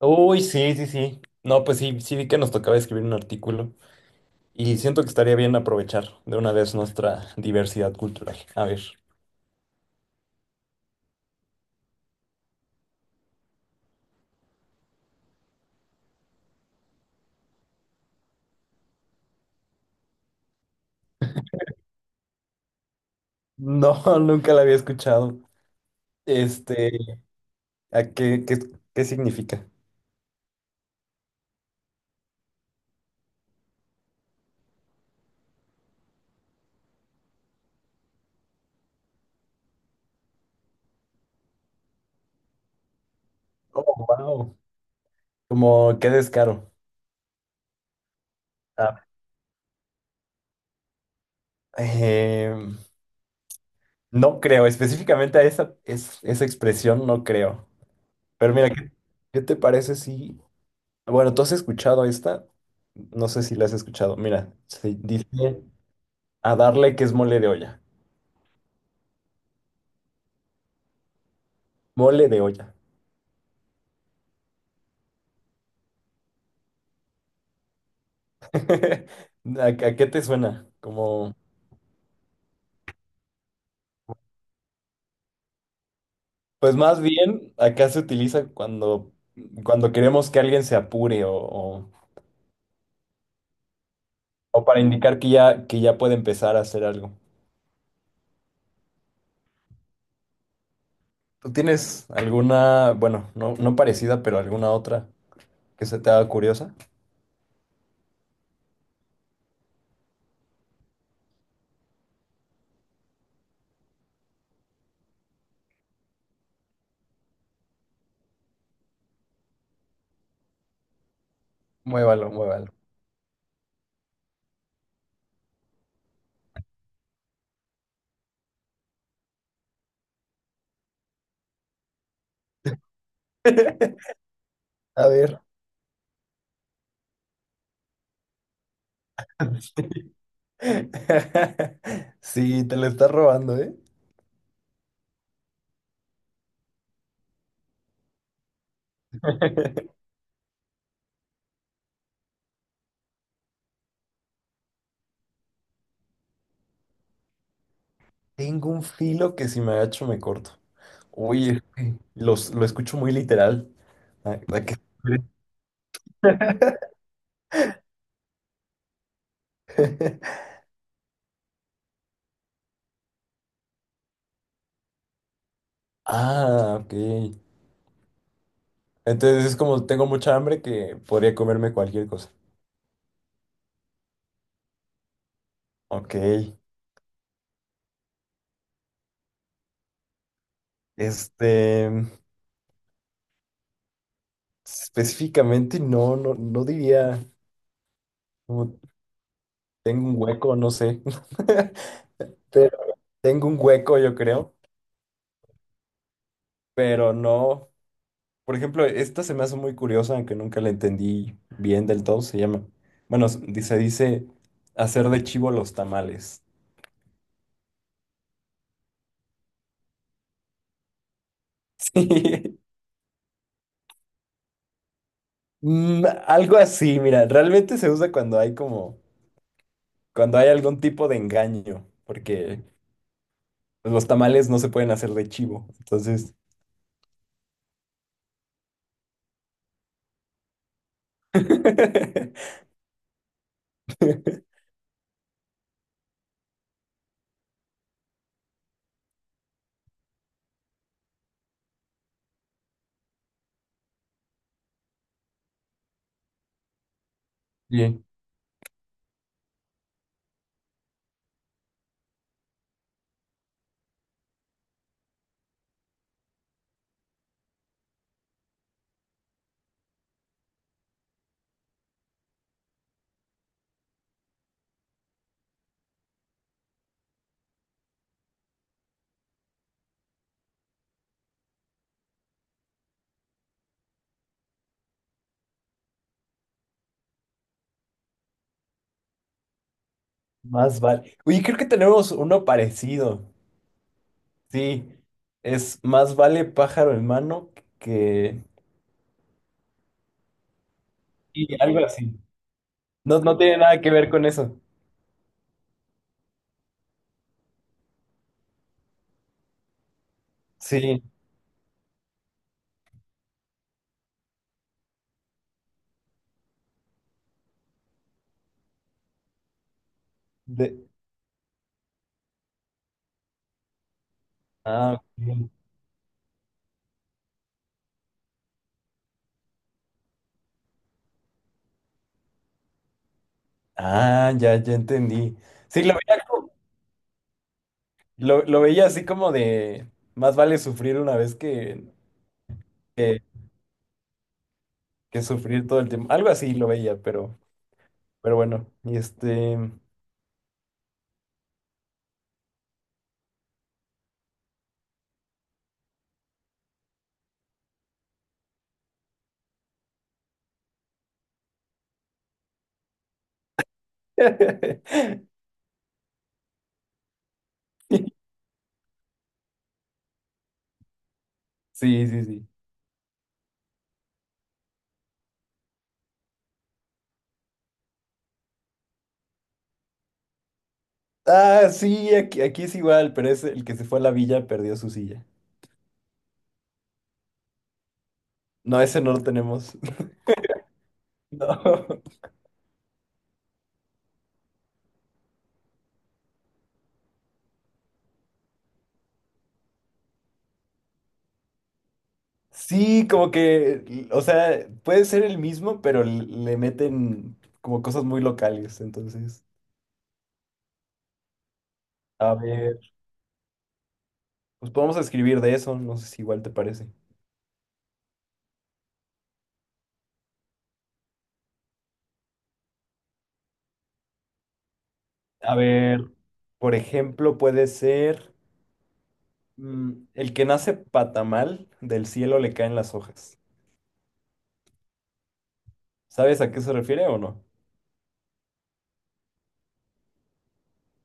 Uy, sí, sí, sí. No, pues sí, sí vi que nos tocaba escribir un artículo y siento que estaría bien aprovechar de una vez nuestra diversidad cultural. A ver. No, nunca la había escuchado. Este, ¿A qué, qué significa? Oh, wow. Como qué descaro. Ah, eh, no creo, específicamente a esa, esa expresión no creo. Pero mira, qué te parece si... Bueno, ¿tú has escuchado esta? No sé si la has escuchado. Mira, se dice... A darle que es mole de olla. Mole de olla. ¿A qué te suena? Como, pues más bien acá se utiliza cuando, cuando queremos que alguien se apure o o para indicar que ya puede empezar a hacer algo. ¿Tú tienes alguna, bueno, no, no parecida, pero alguna otra que se te haga curiosa? Muévalo, muévalo. A ver. Sí, te lo estás robando, ¿eh? Tengo un filo que si me agacho me corto. Uy, es que lo escucho muy literal. Ah, ¿a qué? Ah, ok. Entonces es como tengo mucha hambre que podría comerme cualquier cosa. Ok. Este, específicamente no, no, no diría como tengo un hueco, no sé. Pero tengo un hueco, yo creo. Pero no. Por ejemplo, esta se me hace muy curiosa, aunque nunca la entendí bien del todo. Se llama. Bueno, dice hacer de chivo los tamales. Mm, algo así, mira, realmente se usa cuando hay como, cuando hay algún tipo de engaño, porque pues, los tamales no se pueden hacer de chivo, entonces. Bien. Más vale. Oye, creo que tenemos uno parecido. Sí, es más vale pájaro en mano que... Sí, algo así. No, no tiene nada que ver con eso. Sí. de- Ah, ok. Ah, ya, ya entendí. Sí, lo veía. Lo veía así como de, más vale sufrir una vez que, que sufrir todo el tiempo. Algo así lo veía, pero bueno, y este... Sí, sí, sí. Ah, sí, aquí es igual, pero es el que se fue a la villa perdió su silla. No, ese no lo tenemos. No. Sí, como que, o sea, puede ser el mismo, pero l- le meten como cosas muy locales. Entonces, a ver, pues podemos escribir de eso, no sé si igual te parece. A ver, por ejemplo, puede ser el que nace patamal, del cielo le caen las hojas. ¿Sabes a qué se refiere o no?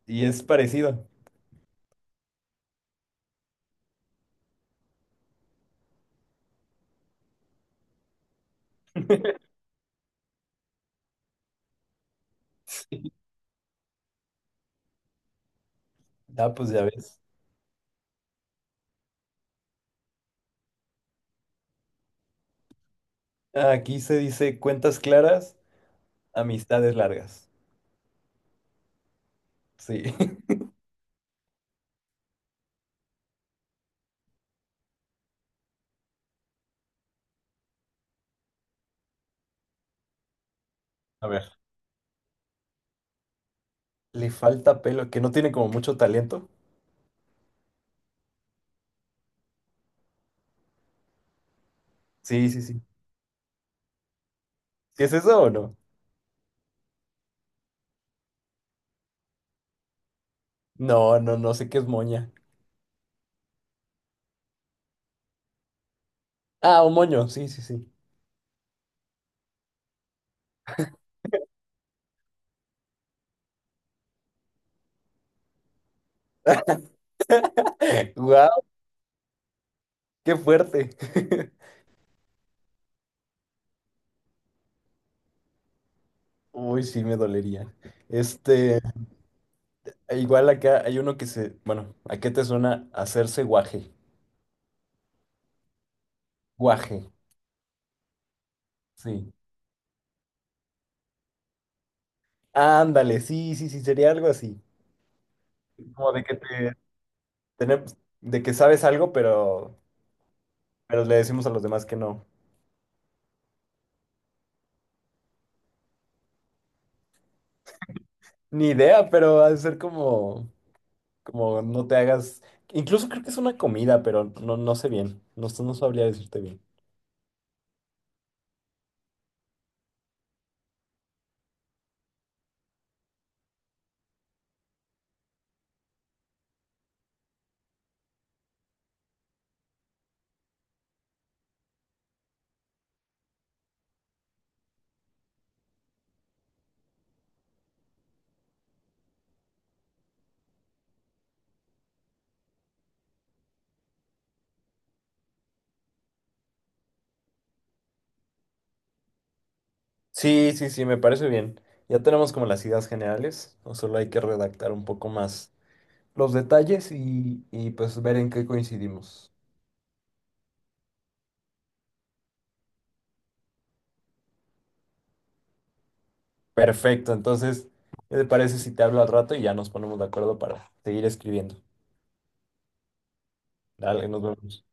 Y es parecido. Ah, pues ya ves. Aquí se dice cuentas claras, amistades largas. Sí. A ver. Le falta pelo, que no tiene como mucho talento. Sí, sí, sí. ¿Sí es eso o no? No, no, no sé qué es moña. Ah, un moño, sí, sí, sí. ¡Guau! ¡Qué fuerte! Uy, sí, me dolería. Este. E Igual acá hay uno que se, bueno, ¿a qué te suena hacerse guaje? Guaje, sí. Ándale, sí, sí, sí, sería algo así. Como de que te, tenemos- de que sabes algo, pero le decimos a los demás que no. Ni idea, pero ha de ser como, como no te hagas. Incluso creo que es una comida, pero no, no sé bien. No, no sabría decirte bien. Sí, sí, sí, me parece bien. Ya tenemos como las ideas generales, o solo hay que redactar un poco más los detalles y pues ver en qué coincidimos. Perfecto, entonces, ¿qué te parece si te hablo al rato y ya nos ponemos de acuerdo para seguir escribiendo? Dale, nos vemos.